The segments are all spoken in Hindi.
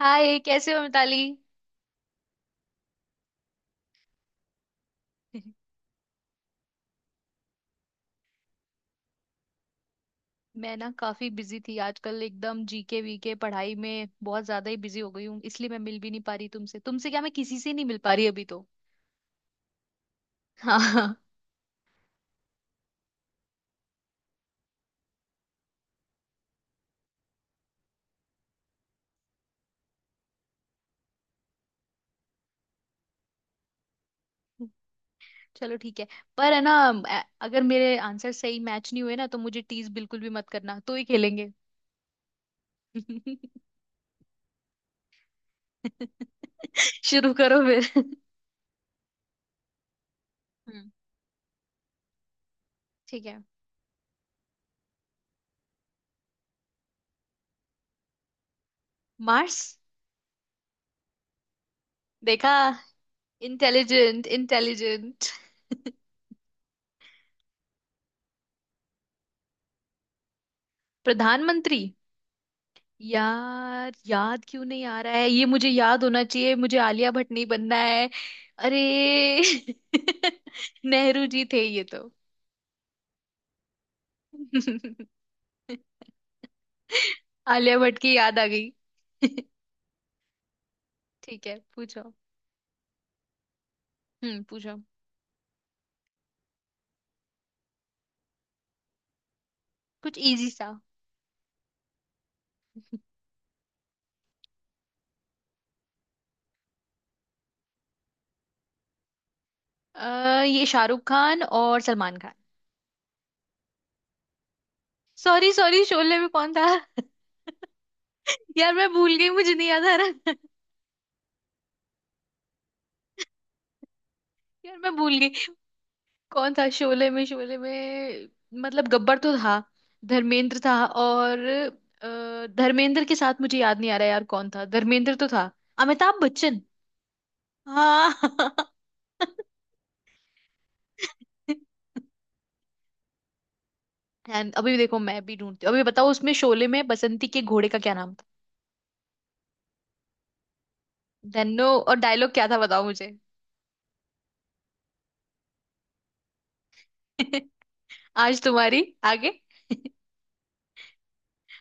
हाय, कैसे हो मिताली? मैं ना काफी बिजी थी आजकल, एकदम जीके वीके पढ़ाई में बहुत ज्यादा ही बिजी हो गई हूँ। इसलिए मैं मिल भी नहीं पा रही तुमसे। तुमसे क्या, मैं किसी से नहीं मिल पा रही अभी तो। हाँ। चलो ठीक है। पर है ना, अगर मेरे आंसर सही मैच नहीं हुए ना तो मुझे टीज बिल्कुल भी मत करना, तो ही खेलेंगे। शुरू करो फिर। हम्म। ठीक है। मार्स। देखा। Intelligent intelligent. प्रधानमंत्री? यार याद क्यों नहीं आ रहा है, ये मुझे याद होना चाहिए। मुझे आलिया भट्ट नहीं बनना है। अरे। नेहरू जी थे ये तो। आलिया भट्ट की याद आ गई। ठीक है पूछो। पूछो। कुछ इजी सा। ये शाहरुख खान और सलमान खान। सॉरी सॉरी, शोले में कौन था? यार मैं भूल गई, मुझे नहीं याद आ रहा। यार मैं भूल गई। कौन था शोले में? मतलब गब्बर तो था, धर्मेंद्र था और धर्मेंद्र के साथ मुझे याद नहीं आ रहा यार, कौन था? धर्मेंद्र तो था। अमिताभ बच्चन। हाँ। And अभी देखो, मैं भी ढूंढती हूँ। अभी बताओ उसमें, शोले में बसंती के घोड़े का क्या नाम था? धन्नो। और डायलॉग क्या था, बताओ मुझे। आज तुम्हारी। आगे।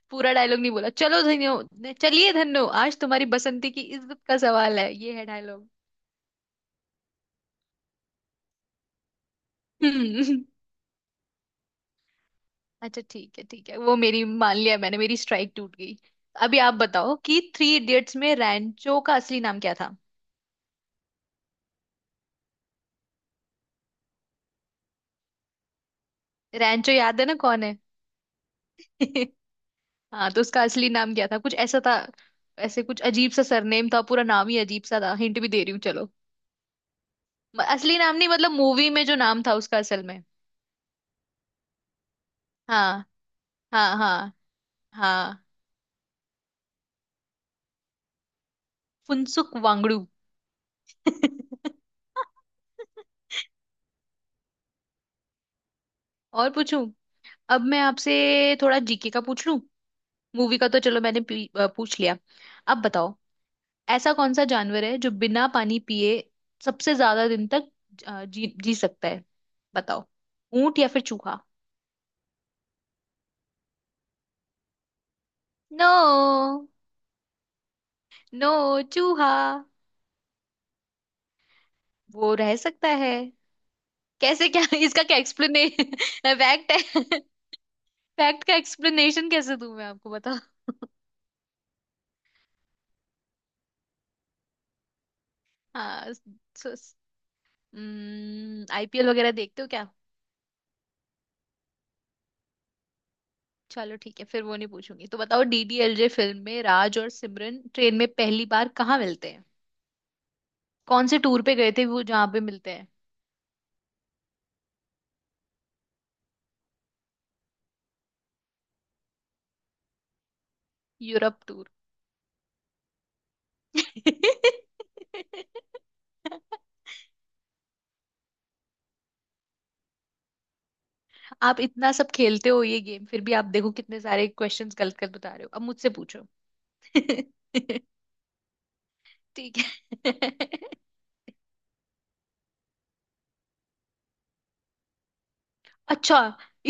पूरा डायलॉग नहीं बोला, चलो धन्यो। चलिए धन्नो, आज तुम्हारी बसंती की इज्जत का सवाल है, ये है डायलॉग। अच्छा ठीक है ठीक है, वो मेरी मान लिया मैंने, मेरी स्ट्राइक टूट गई। अभी आप बताओ कि थ्री इडियट्स में रैंचो का असली नाम क्या था? रैंचो याद है ना, कौन है? हाँ, तो उसका असली नाम क्या था? कुछ ऐसा था, ऐसे कुछ अजीब सा सरनेम था, पूरा नाम ही अजीब सा था। हिंट भी दे रही हूँ चलो। असली नाम नहीं, मतलब मूवी में जो नाम था उसका असल में। हाँ। हाँ हाँ। हाँ। फुनसुक वांगडू। और पूछूं? अब मैं आपसे थोड़ा जीके का पूछ लूं, मूवी का तो चलो मैंने पूछ लिया। अब बताओ, ऐसा कौन सा जानवर है जो बिना पानी पिए सबसे ज्यादा दिन तक जी जी सकता है? बताओ, ऊंट या फिर चूहा? नो। नो। चूहा। वो रह सकता है। कैसे क्या? इसका क्या एक्सप्लेने फैक्ट है। फैक्ट का एक्सप्लेनेशन कैसे दूं मैं आपको, बताओ। हाँ। आईपीएल वगैरह देखते हो क्या? चलो ठीक है, फिर वो नहीं पूछूंगी। तो बताओ, डीडीएलजे फिल्म में राज और सिमरन ट्रेन में पहली बार कहाँ मिलते हैं? कौन से टूर पे गए थे वो, जहाँ पे मिलते हैं? Europe tour. आप इतना सब खेलते हो ये गेम, फिर भी आप देखो कितने सारे क्वेश्चंस गलत गलत बता रहे हो। अब मुझसे पूछो। ठीक है। अच्छा,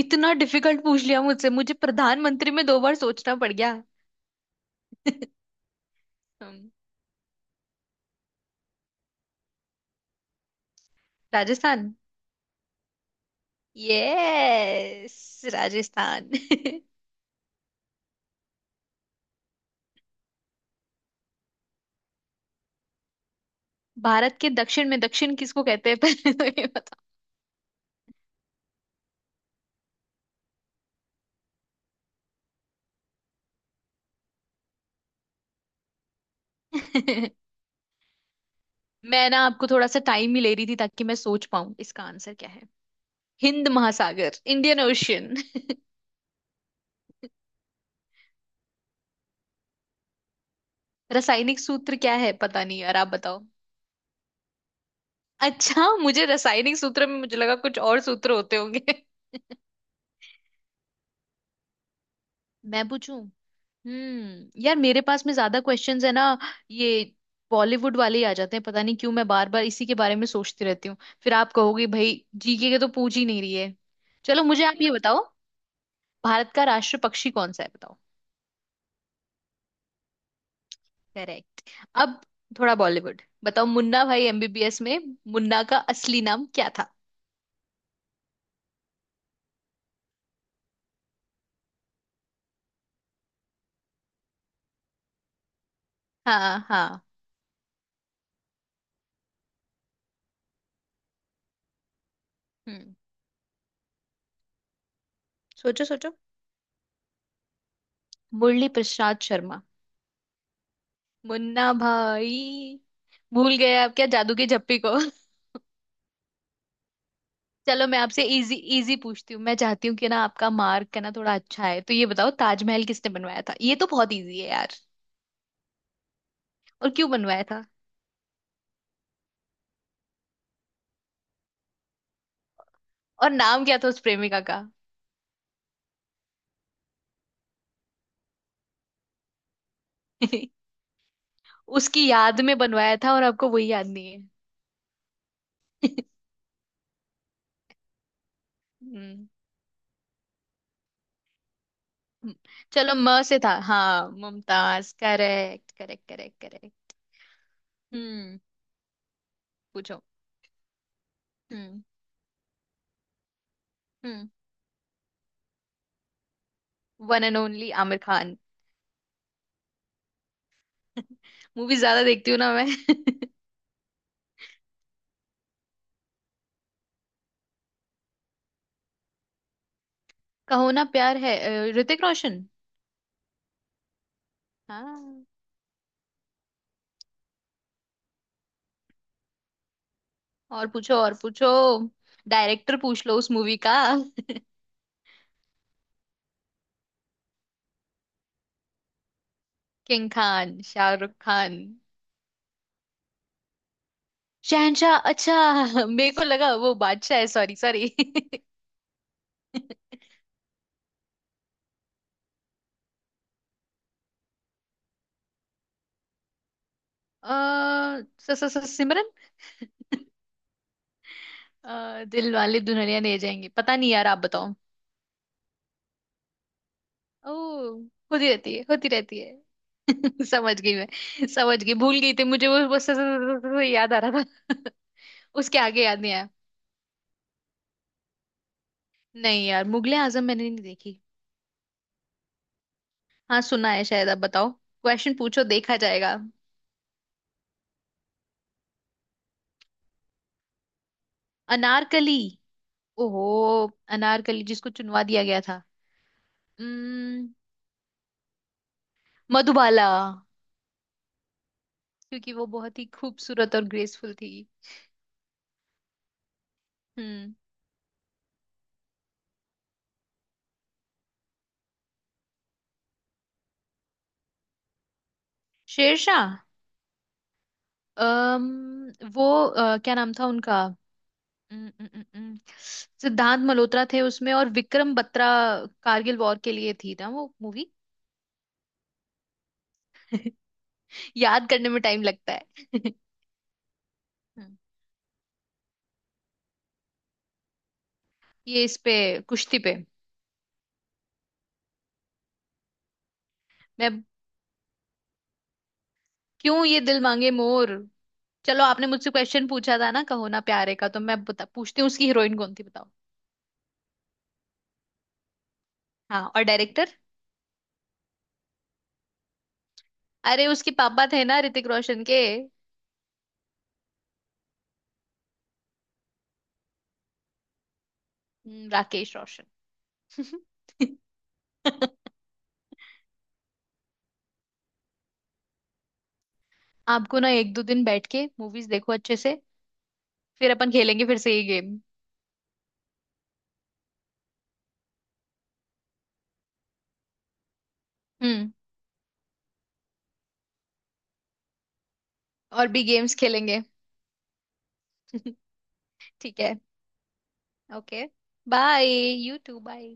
इतना डिफिकल्ट पूछ लिया मुझसे, मुझे प्रधानमंत्री में दो बार सोचना पड़ गया। हम्म। राजस्थान। यस राजस्थान। भारत के दक्षिण में? दक्षिण किसको कहते हैं? पहले तो ये बताओ। मैं ना आपको थोड़ा सा टाइम ही ले रही थी ताकि मैं सोच पाऊं इसका आंसर क्या है। हिंद महासागर, इंडियन ओशियन। रासायनिक सूत्र क्या है, पता नहीं यार, आप बताओ। अच्छा, मुझे रासायनिक सूत्र में मुझे लगा कुछ और सूत्र होते होंगे। मैं पूछूं? यार मेरे पास में ज्यादा क्वेश्चंस है ना, ये बॉलीवुड वाले ही आ जाते हैं। पता नहीं क्यों मैं बार बार इसी के बारे में सोचती रहती हूँ। फिर आप कहोगे भाई, जीके के तो पूछ ही नहीं रही है। चलो मुझे आप ये बताओ, भारत का राष्ट्र पक्षी कौन सा है, बताओ? करेक्ट। अब थोड़ा बॉलीवुड बताओ, मुन्ना भाई एमबीबीएस में मुन्ना का असली नाम क्या था? हाँ हाँ। हम्म। सोचो सोचो। मुरली प्रसाद शर्मा। मुन्ना भाई। भूल गए आप क्या जादू की झप्पी को? चलो मैं आपसे इजी इजी पूछती हूँ, मैं चाहती हूँ कि ना आपका मार्क है ना थोड़ा अच्छा है। तो ये बताओ, ताजमहल किसने बनवाया था, ये तो बहुत इजी है यार। और क्यों बनवाया था? और नाम क्या था उस प्रेमिका का? उसकी याद में बनवाया था और आपको वही याद नहीं है। हम्म। हम्म। चलो म से था, हाँ Mumtaz, correct correct correct correct. हम्म, पूछो। हम्म। हम्म one and only Aamir Khan. Movie ज्यादा देखती हूँ ना मैं। कहो ना प्यार है, ऋतिक रोशन। हाँ। और पूछो और पूछो, डायरेक्टर पूछ लो उस मूवी का। किंग खान शाहरुख खान। शहनशाह? अच्छा। मेरे को लगा वो बादशाह है, सॉरी सॉरी। अ सिमरन। दिल वाले दुल्हनिया ले जाएंगे, पता नहीं यार, आप बताओ। ओ। होती रहती है, होती रहती है। समझ गई मैं, समझ गई। भूल गई थी, मुझे वो बस याद आ रहा था। उसके आगे याद नहीं आया। नहीं यार, मुगले आजम मैंने नहीं देखी। हाँ, सुना है शायद। अब बताओ क्वेश्चन, पूछो देखा जाएगा। अनारकली। ओहो। अनारकली जिसको चुनवा दिया गया था। उम्म, मधुबाला। क्योंकि वो बहुत ही खूबसूरत और ग्रेसफुल थी। हम्म। शेरशाह। वो क्या नाम था उनका? उम्म, उम्म, उम्म, उम्म, सिद्धांत मल्होत्रा थे उसमें, और विक्रम बत्रा। कारगिल वॉर के लिए थी ना वो मूवी। याद करने में टाइम लगता है। हम्म। ये इस पे, कुश्ती पे। मैं, क्यों ये दिल मांगे मोर। चलो आपने मुझसे क्वेश्चन पूछा था ना कहो ना प्यारे का, तो मैं बता पूछती हूँ, उसकी हीरोइन कौन थी, बताओ? हाँ। और डायरेक्टर? अरे उसके पापा थे ना, ऋतिक रोशन के। राकेश रोशन। आपको ना एक दो दिन बैठ के मूवीज देखो अच्छे से। फिर अपन खेलेंगे फिर से ये गेम। हम्म। और भी गेम्स खेलेंगे। ठीक है। Okay. Bye. You too bye.